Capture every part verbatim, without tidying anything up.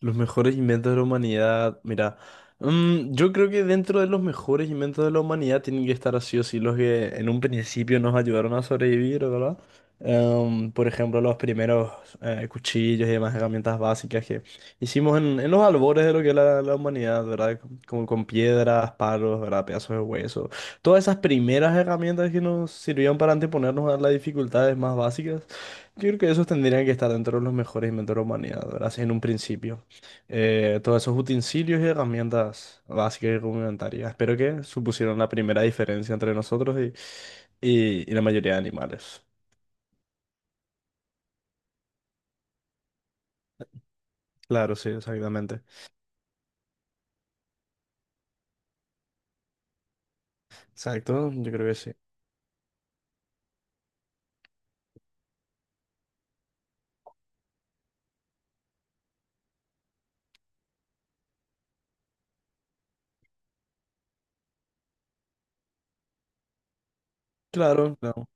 Los mejores inventos de la humanidad. Mira, mm, yo creo que dentro de los mejores inventos de la humanidad tienen que estar así o sí los que en un principio nos ayudaron a sobrevivir, ¿verdad? Em, por ejemplo, los primeros eh, cuchillos y demás herramientas básicas que hicimos en, en los albores de lo que es la, la humanidad, ¿verdad? Como con piedras, palos, ¿verdad? Pedazos de hueso. Todas esas primeras herramientas que nos sirvieron para anteponernos a las dificultades más básicas. Yo creo que esos tendrían que estar dentro de los mejores inventos de la humanidad, ¿verdad? Así en un principio eh, todos esos utensilios y herramientas básicas y rudimentarias. Espero que supusieron la primera diferencia entre nosotros y, y- y la mayoría de animales. Claro, sí, exactamente. Exacto, yo creo que sí. Claro, claro.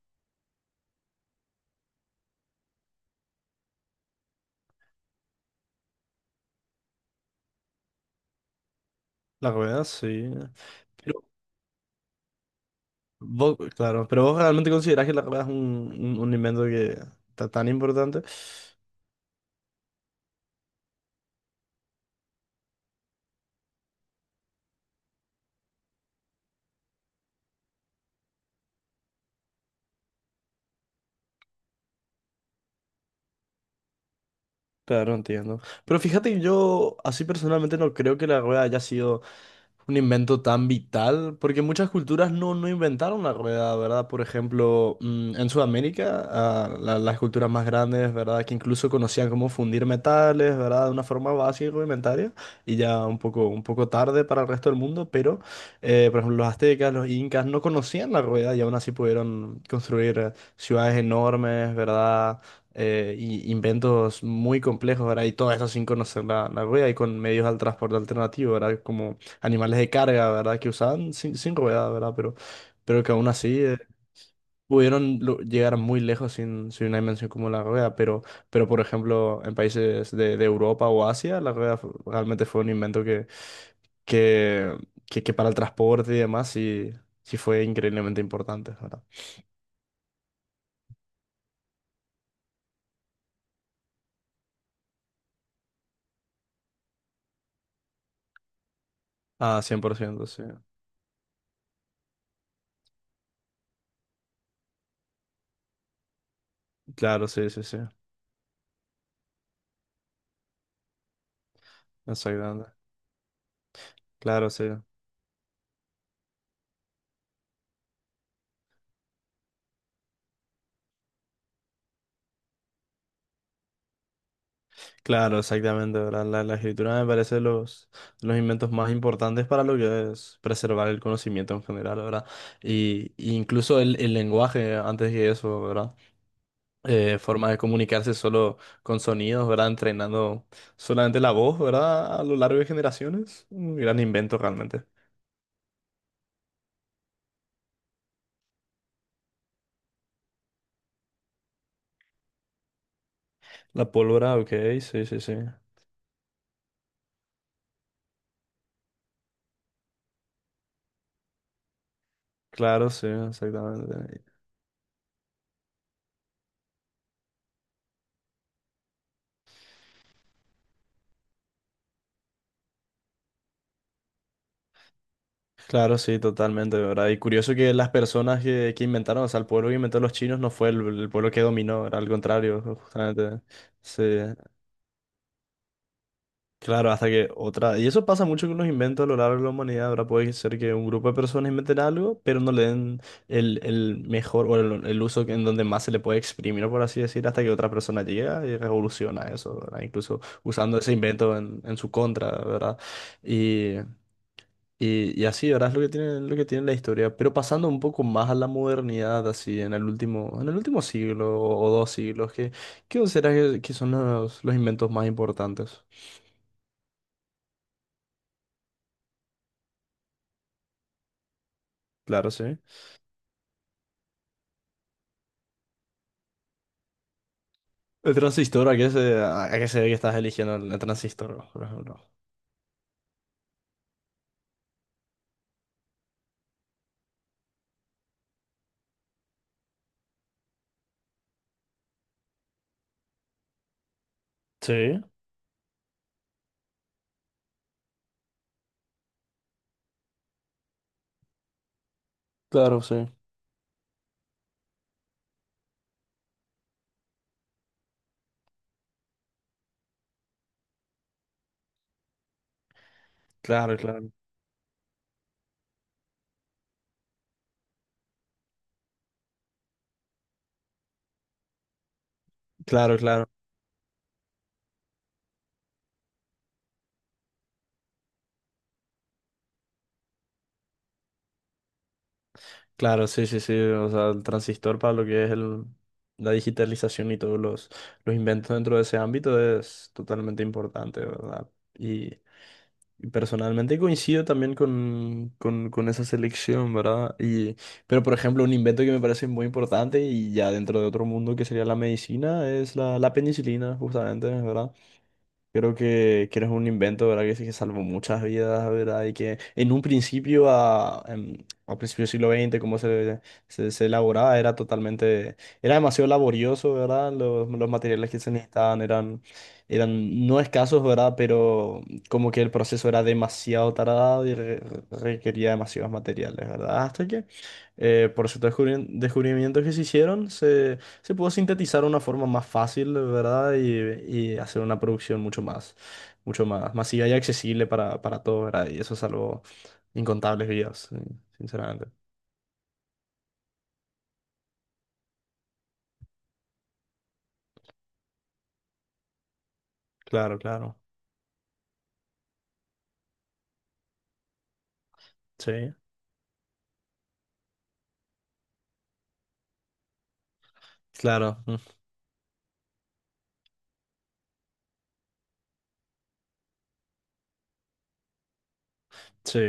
La rueda, sí. Pero vos, claro, pero vos realmente considerás que la rueda es un, un, un invento que está tan importante. Claro, entiendo. Pero fíjate que yo así personalmente no creo que la rueda haya sido un invento tan vital, porque muchas culturas no, no inventaron la rueda, ¿verdad? Por ejemplo, mm, en Sudamérica, ah, la- las culturas más grandes, ¿verdad? Que incluso conocían cómo fundir metales, ¿verdad? De una forma básica y rudimentaria, y ya un poco, un poco tarde para el resto del mundo, pero, eh, por ejemplo, los aztecas, los incas no conocían la rueda y aún así pudieron construir eh, ciudades enormes, ¿verdad? Eh, y inventos muy complejos, ¿verdad? Y todo eso sin conocer la, la rueda y con medios de transporte alternativo, ¿verdad? Como animales de carga, ¿verdad? Que usaban sin, sin ruedas, ¿verdad? Pero, pero que aún así eh, pudieron lo- llegar muy lejos sin, sin una dimensión como la rueda. Pero, pero por ejemplo, en países de, de Europa o Asia, la rueda fu- realmente fue un invento que, que, que, que para el transporte y demás sí, sí fue increíblemente importante, ¿verdad? Ah, cien por ciento sí. Claro, sí, sí, sí. Exactamente. Claro, sí. Claro, exactamente, ¿verdad? La, la escritura me parece los, los inventos más importantes para lo que es preservar el conocimiento en general, ¿verdad? Y, y incluso el, el lenguaje, antes que eso, ¿verdad? Eh, formas de comunicarse solo con sonidos, ¿verdad? Entrenando solamente la voz, ¿verdad? A lo largo de generaciones. Un gran invento realmente. La pólvora, ok, sí, sí, sí. Claro, sí, exactamente. Claro, sí, totalmente, ¿verdad? Y curioso que las personas que, que inventaron, o sea, el pueblo que inventó los chinos no fue el, el pueblo que dominó, era al contrario, justamente. Sí, claro, hasta que otra. Y eso pasa mucho con los inventos a lo largo de la humanidad, ¿verdad? Puede ser que un grupo de personas inventen algo, pero no le den el, el mejor o el, el uso que- en donde más se le puede exprimir, por así decir, hasta que otra persona llega y revoluciona eso, ¿verdad? Incluso usando ese invento en, en su contra, ¿verdad? Y, y así, ¿verdad? Es lo que tiene, lo que tiene la historia. Pero pasando un poco más a la modernidad, así, en el último, en el último siglo o dos siglos, ¿qué, qué consideras que, que son los, los inventos más importantes? Claro, sí. El transistor, ¿a qué se, a a qué se ve que estás eligiendo el, el transistor, por ejemplo? Sí, claro, sí. Claro, claro. Claro, claro. Claro, sí, sí, sí. O sea, el transistor para lo que es el, la digitalización y todos los, los inventos dentro de ese ámbito es totalmente importante, ¿verdad? y Y personalmente coincido también con, con, con esa selección, ¿verdad? Y, pero, por ejemplo, un invento que me parece muy importante y ya dentro de otro mundo que sería la medicina es la, la penicilina, justamente, ¿verdad? Creo que, que eres un invento, ¿verdad? Que, sí que salvó muchas vidas, ¿verdad? Y que en un principio, a, em, a principios del siglo veinte, como se, se, se elaboraba, era totalmente, era demasiado laborioso, ¿verdad? Los, los materiales que se necesitaban eran, eran no escasos, ¿verdad? Pero como que el proceso era demasiado tardado y re- requería demasiados materiales, ¿verdad? Hasta que eh, por ciertos descubri- descubrimientos que se hicieron, se pudo sintetizar de una forma más fácil, ¿verdad? Y, y hacer una producción mucho más, mucho más masiva y accesible para, para todos, ¿verdad? Y eso salvó incontables vidas, sí, sinceramente. Claro, claro. Sí, claro. Mm, sí,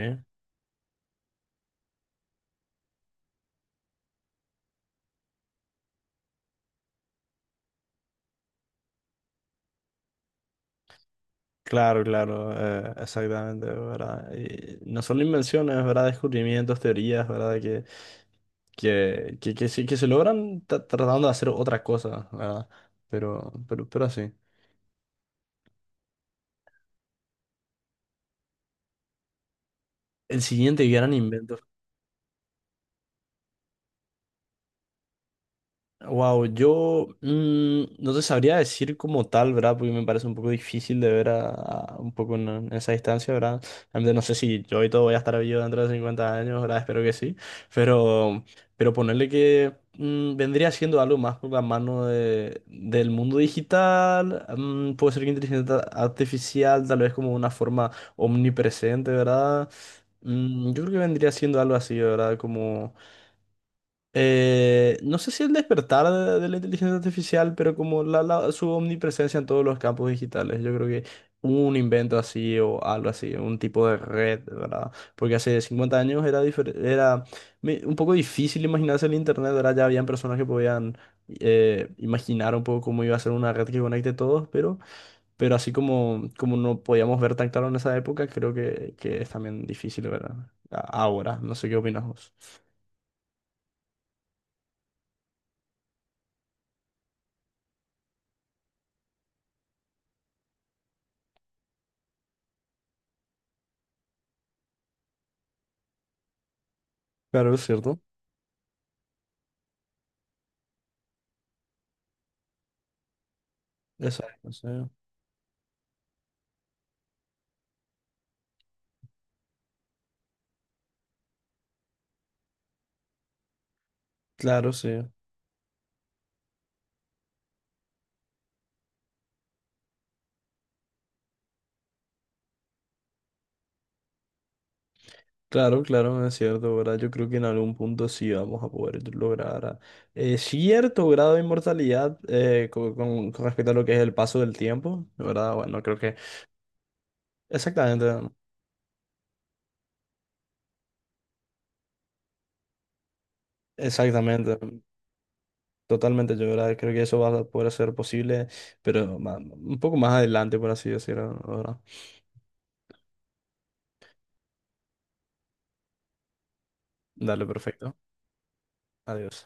claro, claro. eh, exactamente, ¿verdad? Y no solo invenciones, ¿verdad? Descubrimientos, teorías, ¿verdad? Que, que, que, que, sí- que se logran tra- tratando de hacer otra cosa, ¿verdad? Pero, pero, pero así. El siguiente gran invento. Wow, yo, mm, no te sabría decir como tal, ¿verdad? Porque me parece un poco difícil de ver a, a- un poco en, en esa distancia, ¿verdad? Realmente no sé si yo y todo voy a estar vivo dentro de cincuenta años, ¿verdad? Espero que sí. Pero, pero ponerle que mm, vendría siendo algo más por la mano de- del mundo digital, mm, puede ser que inteligencia artificial, tal vez como una forma omnipresente, ¿verdad? Mm, yo creo que vendría siendo algo así, ¿verdad? Como... Eh, no sé si el despertar de, de la inteligencia artificial, pero como la, la- su omnipresencia en todos los campos digitales, yo creo que un invento así o algo así, un tipo de red, ¿verdad? Porque hace cincuenta años era, difer- era me- un poco difícil imaginarse el Internet, ¿verdad? Ya habían personas que podían eh, imaginar un poco cómo iba a ser una red que conecte todos, pero, pero, así como, como no podíamos ver tan claro en esa época, creo que, que es también difícil, ¿verdad? A- Ahora, no sé qué opinas vos. Claro, es cierto. Exacto, sí. Claro, sí. Claro, claro, es cierto, ¿verdad? Yo creo que en algún punto sí vamos a poder lograr ah, eh, cierto grado de inmortalidad eh, co- con, con respecto a lo que es el paso del tiempo, ¿verdad? Bueno, creo que exactamente, exactamente, totalmente, yo, ¿verdad?, creo que eso va a poder ser posible, pero ma- un poco más adelante, por así decirlo, ¿verdad? Dale, perfecto. Adiós.